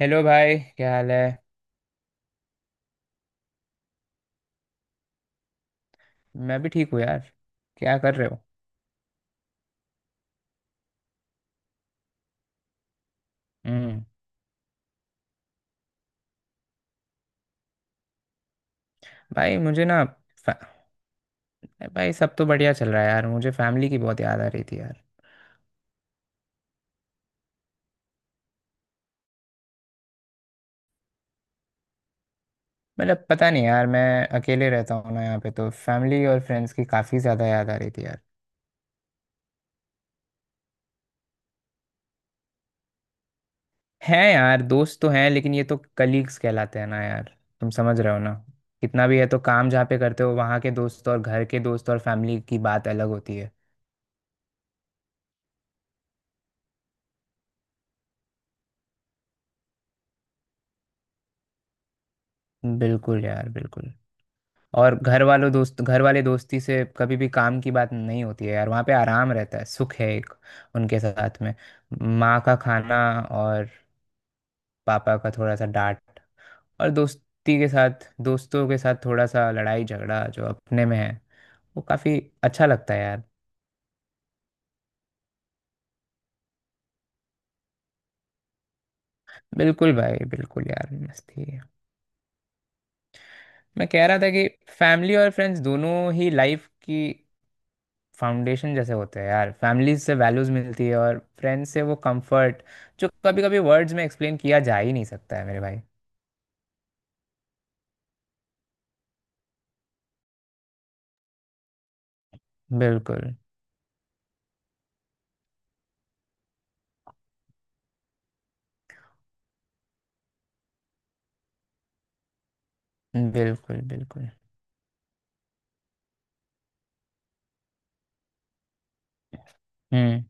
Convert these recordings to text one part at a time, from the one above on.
Hello भाई, क्या हाल है। मैं भी ठीक हूँ यार। क्या कर रहे हो। हम्म। भाई मुझे ना फै- भाई, सब तो बढ़िया चल रहा है यार, मुझे फैमिली की बहुत याद आ रही थी यार। मतलब पता नहीं यार, मैं अकेले रहता हूँ ना यहाँ पे, तो फैमिली और फ्रेंड्स की काफ़ी ज़्यादा याद आ रही थी यार। हैं यार, दोस्त तो हैं, लेकिन ये तो कलीग्स कहलाते हैं ना यार। तुम समझ रहे हो ना। कितना भी है तो काम जहाँ पे करते हो वहाँ के दोस्त और घर के दोस्त और फैमिली की बात अलग होती है। बिल्कुल यार बिल्कुल। और घर वालों दोस्त घर वाले दोस्ती से कभी भी काम की बात नहीं होती है यार, वहाँ पे आराम रहता है, सुख है एक उनके साथ में। माँ का खाना, और पापा का थोड़ा सा डांट, और दोस्ती के साथ दोस्तों के साथ थोड़ा सा लड़ाई झगड़ा जो अपने में है, वो काफ़ी अच्छा लगता है यार। बिल्कुल भाई बिल्कुल यार, मस्ती है। मैं कह रहा था कि फैमिली और फ्रेंड्स दोनों ही लाइफ की फाउंडेशन जैसे होते हैं यार, फैमिली से वैल्यूज मिलती है और फ्रेंड्स से वो कंफर्ट, जो कभी कभी वर्ड्स में एक्सप्लेन किया जा ही नहीं सकता है मेरे भाई। बिल्कुल। बिल्कुल। बिल्कुल। हम्म।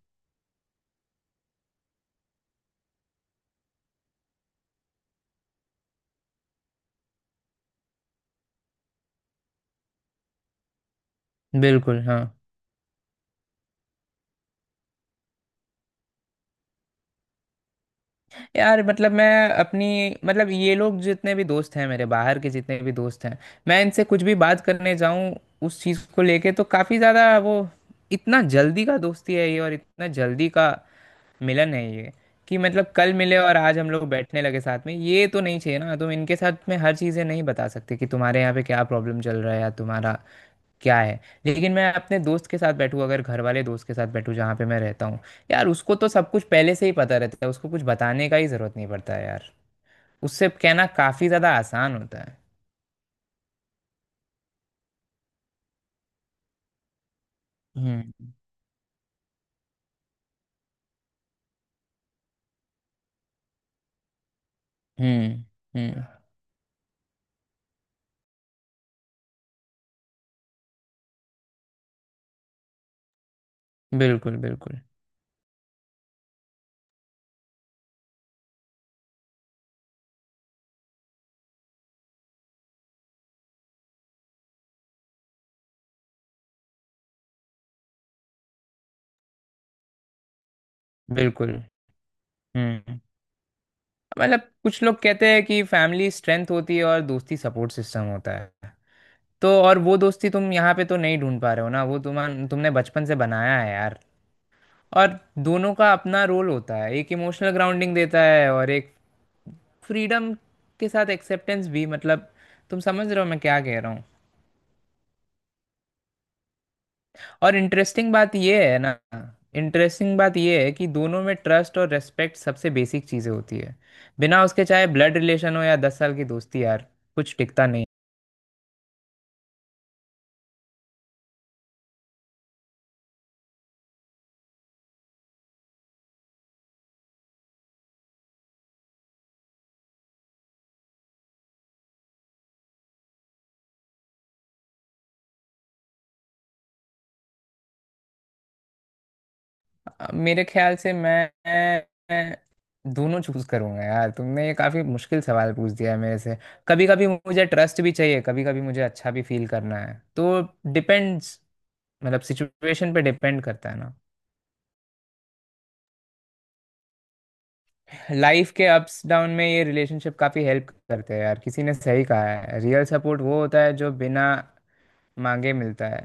बिल्कुल। हाँ यार, मतलब मैं अपनी, मतलब ये लोग जितने भी दोस्त हैं मेरे, बाहर के जितने भी दोस्त हैं, मैं इनसे कुछ भी बात करने जाऊं उस चीज़ को लेके तो काफ़ी ज़्यादा वो, इतना जल्दी का दोस्ती है ये और इतना जल्दी का मिलन है ये, कि मतलब कल मिले और आज हम लोग बैठने लगे साथ में, ये तो नहीं चाहिए ना। तुम इनके साथ में हर चीज़ें नहीं बता सकते कि तुम्हारे यहाँ पे क्या प्रॉब्लम चल रहा है या तुम्हारा क्या है। लेकिन मैं अपने दोस्त के साथ बैठूँ, अगर घर वाले दोस्त के साथ बैठूँ जहाँ पे मैं रहता हूँ, यार उसको तो सब कुछ पहले से ही पता रहता है, उसको कुछ बताने का ही ज़रूरत नहीं पड़ता है यार। उससे कहना काफ़ी ज़्यादा आसान होता है। हम्म। हम्म। हम्म। बिल्कुल। बिल्कुल। बिल्कुल। हम्म। मतलब कुछ लोग कहते हैं कि फैमिली स्ट्रेंथ होती है और दोस्ती सपोर्ट सिस्टम होता है। तो और वो दोस्ती तुम यहाँ पे तो नहीं ढूंढ पा रहे हो ना, वो तुम, तुमने बचपन से बनाया है यार। और दोनों का अपना रोल होता है, एक इमोशनल ग्राउंडिंग देता है और एक फ्रीडम के साथ एक्सेप्टेंस भी, मतलब तुम समझ रहे हो मैं क्या कह रहा हूँ। और इंटरेस्टिंग बात ये है ना, इंटरेस्टिंग बात ये है कि दोनों में ट्रस्ट और रेस्पेक्ट सबसे बेसिक चीज़ें होती है। बिना उसके, चाहे ब्लड रिलेशन हो या 10 साल की दोस्ती यार, कुछ टिकता नहीं। अब मेरे ख्याल से मैं दोनों चूज करूंगा यार, तुमने ये काफी मुश्किल सवाल पूछ दिया है मेरे से। कभी कभी मुझे ट्रस्ट भी चाहिए, कभी कभी मुझे अच्छा भी फील करना है, तो डिपेंड्स, मतलब सिचुएशन पे डिपेंड करता है ना। लाइफ के अप्स डाउन में ये रिलेशनशिप काफी हेल्प करते हैं यार, किसी ने सही कहा है रियल सपोर्ट वो होता है जो बिना मांगे मिलता है।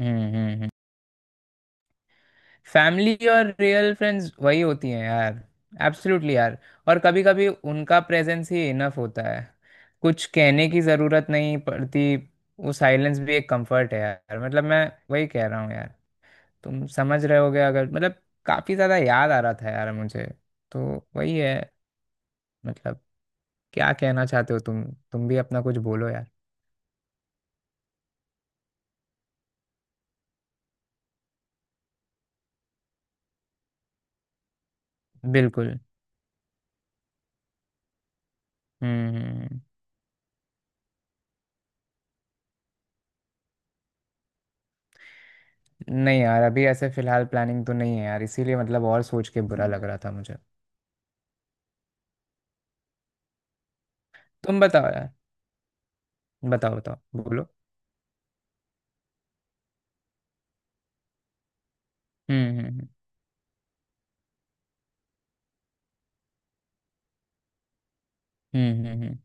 हम्म। हम्म। हम्म। फैमिली और रियल फ्रेंड्स वही होती हैं यार, एब्सोल्युटली यार। और कभी कभी उनका प्रेजेंस ही इनफ होता है, कुछ कहने की ज़रूरत नहीं पड़ती, वो साइलेंस भी एक कंफर्ट है यार। मतलब मैं वही कह रहा हूँ यार, तुम समझ रहे होगे, अगर मतलब काफ़ी ज़्यादा याद आ रहा था यार मुझे, तो वही है। मतलब क्या कहना चाहते हो तुम भी अपना कुछ बोलो यार। बिल्कुल। हम्म। हम्म। नहीं यार, अभी ऐसे फिलहाल प्लानिंग तो नहीं है यार, इसीलिए मतलब, और सोच के बुरा लग रहा था मुझे। तुम बताओ यार, बताओ बताओ, बोलो। हम्म। हम्म। हम्म। हम्म।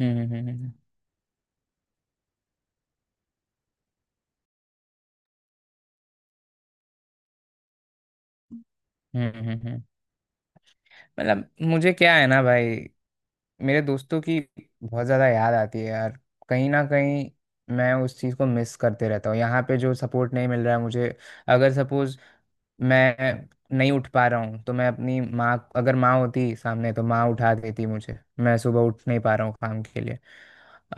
हम्म। हम्म। हम्म। हम्म, हम्म, हम्म, हम्म। मतलब मुझे क्या है ना भाई, मेरे दोस्तों की बहुत ज़्यादा याद आती है यार, कहीं ना कहीं मैं उस चीज़ को मिस करते रहता हूँ यहाँ पे, जो सपोर्ट नहीं मिल रहा है मुझे। अगर सपोज़ मैं नहीं उठ पा रहा हूँ तो मैं अपनी माँ, अगर माँ होती सामने तो माँ उठा देती मुझे, मैं सुबह उठ नहीं पा रहा हूँ काम के लिए,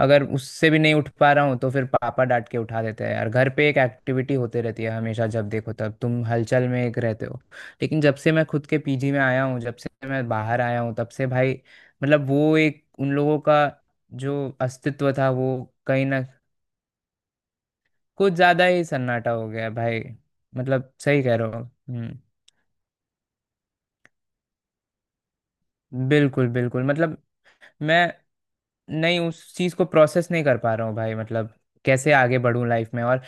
अगर उससे भी नहीं उठ पा रहा हूँ तो फिर पापा डांट के उठा देते हैं यार। घर पे एक एक्टिविटी होते रहती है हमेशा, जब देखो तब तुम हलचल में एक रहते हो। लेकिन जब से मैं खुद के पीजी में आया हूँ, जब से मैं बाहर आया हूँ तब से भाई, मतलब वो एक उन लोगों का जो अस्तित्व था वो कहीं ना, कुछ ज्यादा ही सन्नाटा हो गया भाई। मतलब सही कह रहे हो। हम्म। बिल्कुल बिल्कुल। मतलब मैं नहीं, उस चीज को प्रोसेस नहीं कर पा रहा हूँ भाई, मतलब कैसे आगे बढ़ूं लाइफ में। और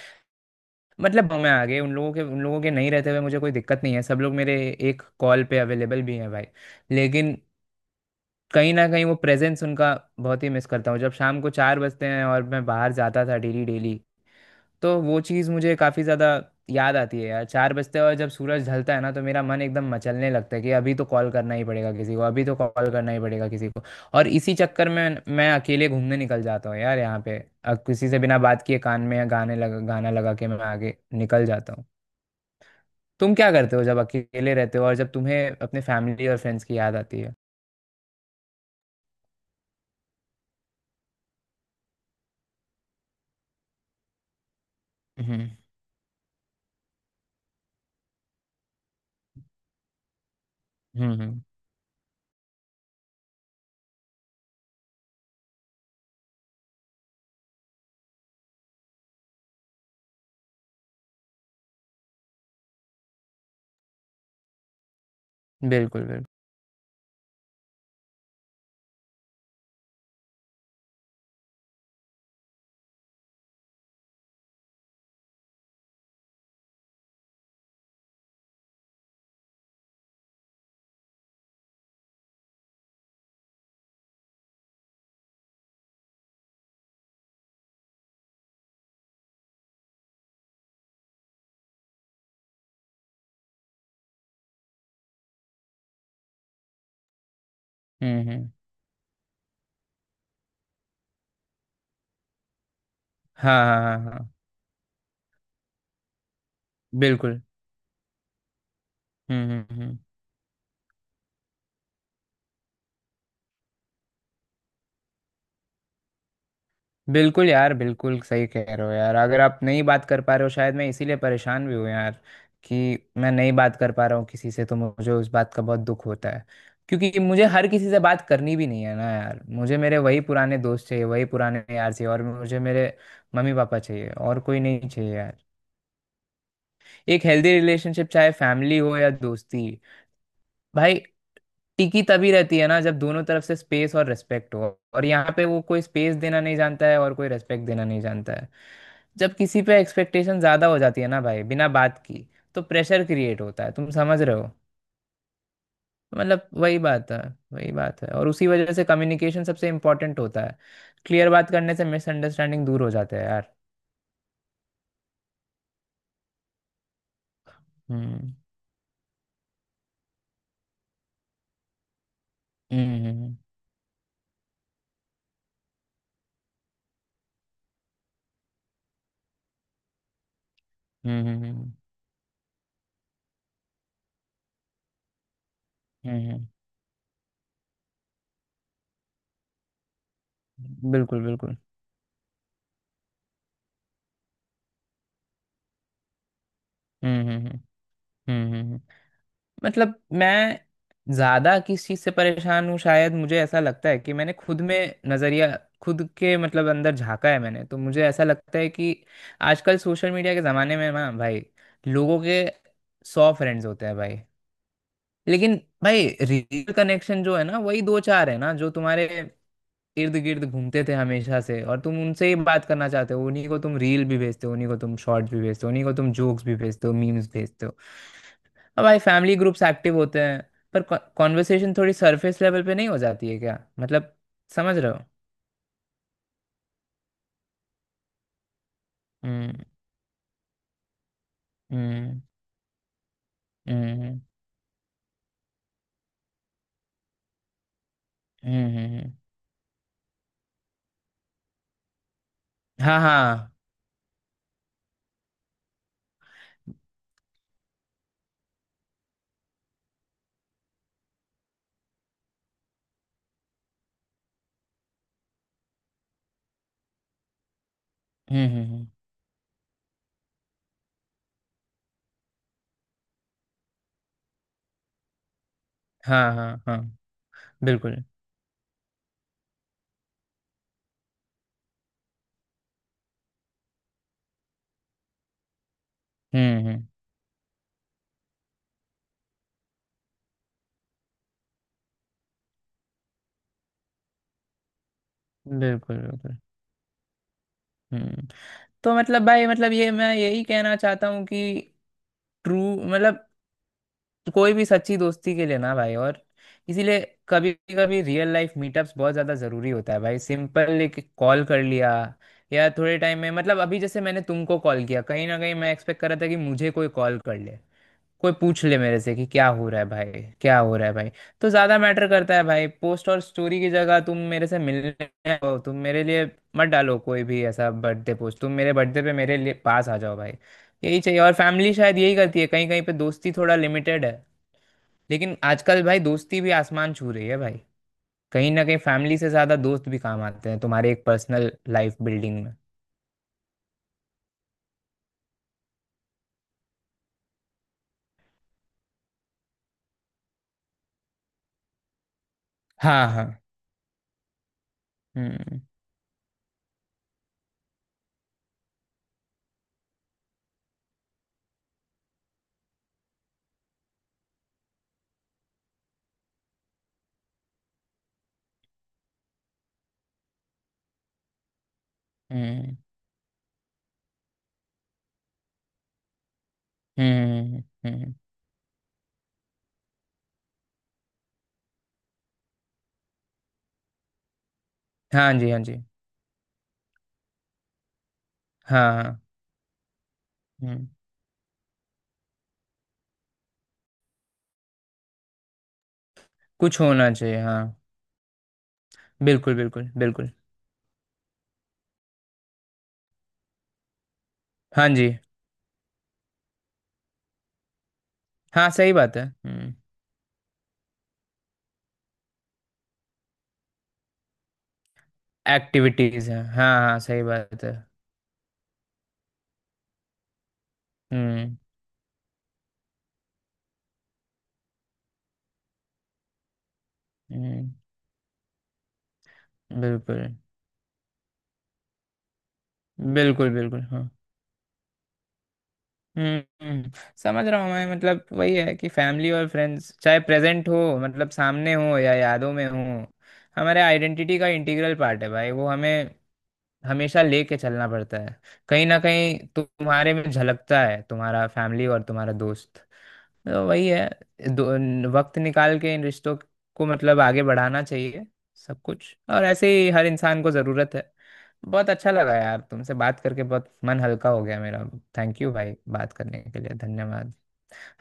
मतलब मैं आ गए, उन लोगों के नहीं रहते हुए मुझे कोई दिक्कत नहीं है, सब लोग मेरे एक कॉल पे अवेलेबल भी हैं भाई। लेकिन कहीं ना कहीं वो प्रेजेंस उनका बहुत ही मिस करता हूँ, जब शाम को 4 बजते हैं और मैं बाहर जाता था डेली डेली, तो वो चीज़ मुझे काफ़ी ज़्यादा याद आती है यार। 4 बजते हैं और जब सूरज ढलता है ना तो मेरा मन एकदम मचलने लगता है, कि अभी तो कॉल करना ही पड़ेगा किसी को, अभी तो कॉल करना ही पड़ेगा किसी को। और इसी चक्कर में मैं अकेले घूमने निकल जाता हूँ यार यहाँ पे, किसी से बिना बात किए कान में गाने लगा, गाना लगा के मैं आगे निकल जाता हूँ। तुम क्या करते हो जब अकेले रहते हो और जब तुम्हें अपने फैमिली और फ्रेंड्स की याद आती है। हम्म। हम्म। बिल्कुल बिल्कुल। हम्म। हम्म। हाँ हाँ हाँ हाँ। बिल्कुल। हम्म। हम्म। हम्म। बिल्कुल यार बिल्कुल, सही कह रहे हो यार। अगर आप नहीं बात कर पा रहे हो, शायद मैं इसीलिए परेशान भी हूँ यार, कि मैं नहीं बात कर पा रहा हूँ किसी से, तो मुझे उस बात का बहुत दुख होता है। क्योंकि मुझे हर किसी से बात करनी भी नहीं है ना यार, मुझे मेरे वही पुराने दोस्त चाहिए, वही पुराने यार चाहिए, और मुझे मेरे मम्मी पापा चाहिए, और कोई नहीं चाहिए यार। एक हेल्दी रिलेशनशिप, चाहे फैमिली हो या दोस्ती भाई, टिकी तभी रहती है ना जब दोनों तरफ से स्पेस और रेस्पेक्ट हो। और यहाँ पे वो, कोई स्पेस देना नहीं जानता है और कोई रेस्पेक्ट देना नहीं जानता है। जब किसी पे एक्सपेक्टेशन ज़्यादा हो जाती है ना भाई, बिना बात की, तो प्रेशर क्रिएट होता है, तुम समझ रहे हो। मतलब वही बात है, वही बात है, और उसी वजह से कम्युनिकेशन सबसे इम्पोर्टेंट होता है। क्लियर बात करने से मिसअंडरस्टैंडिंग दूर हो जाते हैं यार। हम्म। हम्म। हम्म। हम्म। हम्म। हम्म, बिल्कुल बिल्कुल। हम्म। हम्म। हम्म। हम्म। हम्म। हम्म। मतलब मैं ज्यादा किस चीज से परेशान हूँ, शायद मुझे ऐसा लगता है कि मैंने खुद में नजरिया, खुद के मतलब अंदर झांका है मैंने, तो मुझे ऐसा लगता है कि आजकल सोशल मीडिया के जमाने में ना भाई, लोगों के 100 फ्रेंड्स होते हैं भाई, लेकिन भाई रियल कनेक्शन जो है ना वही दो चार है ना, जो तुम्हारे इर्द गिर्द घूमते थे हमेशा से, और तुम उनसे ही बात करना चाहते हो, उन्हीं को तुम रील भी भेजते हो, उन्हीं को तुम शॉर्ट्स भी भेजते हो, उन्हीं को तुम जोक्स भी भेजते हो, मीम्स भेजते हो। अब भाई फैमिली ग्रुप्स एक्टिव होते हैं, पर कॉन्वर्सेशन थोड़ी सरफेस लेवल पे नहीं हो जाती है क्या, मतलब समझ रहे हो। हम्म। हम्म। हम्म। हम्म। हम्म, हम्म, हम्म। हाँ हाँ। हम्म। हम्म। हाँ हाँ हाँ। बिल्कुल। हम्म। हम्म। बिल्कुल बिल्कुल। हम्म। तो मतलब भाई, मतलब ये मैं यही कहना चाहता हूँ कि ट्रू, मतलब तो कोई भी सच्ची दोस्ती के लिए ना भाई, और इसीलिए कभी कभी रियल लाइफ मीटअप्स बहुत ज़्यादा ज़रूरी होता है भाई। सिंपल एक कॉल कर लिया या थोड़े टाइम में मतलब, अभी जैसे मैंने तुमको कॉल किया, कहीं ना कहीं मैं एक्सपेक्ट कर रहा था कि मुझे कोई कॉल कर ले, कोई पूछ ले मेरे से कि क्या हो रहा है भाई, क्या हो रहा है भाई। तो ज्यादा मैटर करता है भाई, पोस्ट और स्टोरी की जगह तुम मेरे से मिलने आओ, तुम मेरे लिए मत डालो कोई भी ऐसा बर्थडे पोस्ट, तुम मेरे बर्थडे पे मेरे लिए पास आ जाओ भाई, यही चाहिए। और फैमिली शायद यही करती है, कहीं कहीं पे दोस्ती थोड़ा लिमिटेड है, लेकिन आजकल भाई दोस्ती भी आसमान छू रही है भाई। कहीं ना कहीं फैमिली से ज्यादा दोस्त भी काम आते हैं तुम्हारे, एक पर्सनल लाइफ बिल्डिंग में। हाँ हाँ। हम्म। हम्म। हम्म। हम्म, हम्म। हाँ जी हाँ जी। हाँ हाँ। हम्म। कुछ होना चाहिए, हाँ। बिल्कुल बिल्कुल बिल्कुल। हाँ जी। हाँ सही बात है, हम्म। एक्टिविटीज है, हाँ हाँ, सही बात है। हम्म। हम्म। बिल्कुल बिल्कुल। बिल्कुल हाँ। हम्म। समझ रहा हूँ मैं। मतलब वही है कि फैमिली और फ्रेंड्स, चाहे प्रेजेंट हो, मतलब सामने हो या यादों में हो, हमारे आइडेंटिटी का इंटीग्रल पार्ट है भाई, वो हमें हमेशा लेके चलना पड़ता है। कहीं ना कहीं तुम्हारे में झलकता है तुम्हारा फैमिली और तुम्हारा दोस्त, तो वही है। दो, वक्त निकाल के इन रिश्तों को मतलब आगे बढ़ाना चाहिए सब कुछ, और ऐसे ही हर इंसान को ज़रूरत है। बहुत अच्छा लगा यार तुमसे बात करके, बहुत मन हल्का हो गया मेरा। थैंक यू भाई, बात करने के लिए धन्यवाद।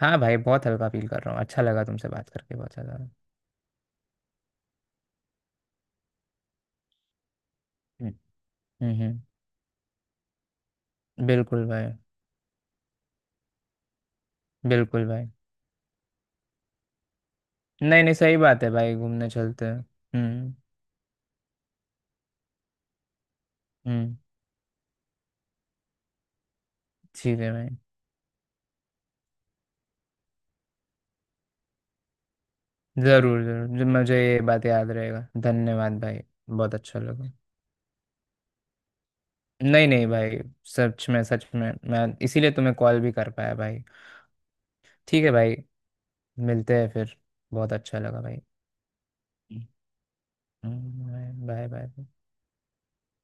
हाँ भाई, बहुत हल्का फील कर रहा हूँ, अच्छा लगा तुमसे बात करके बहुत ज़्यादा, हम्म। हम्म, हम्म, बिल्कुल भाई, बिल्कुल भाई। नहीं नहीं, सही बात है भाई, घूमने चलते हैं। हम्म। हम्म। ठीक है भाई। जरूर जरूर, जो मुझे ये बात याद रहेगा, धन्यवाद भाई। बहुत अच्छा लगा। नहीं नहीं भाई, सच में सच में, मैं इसीलिए तुम्हें कॉल भी कर पाया भाई। ठीक है भाई, मिलते हैं फिर। बहुत अच्छा लगा भाई। Bye bye.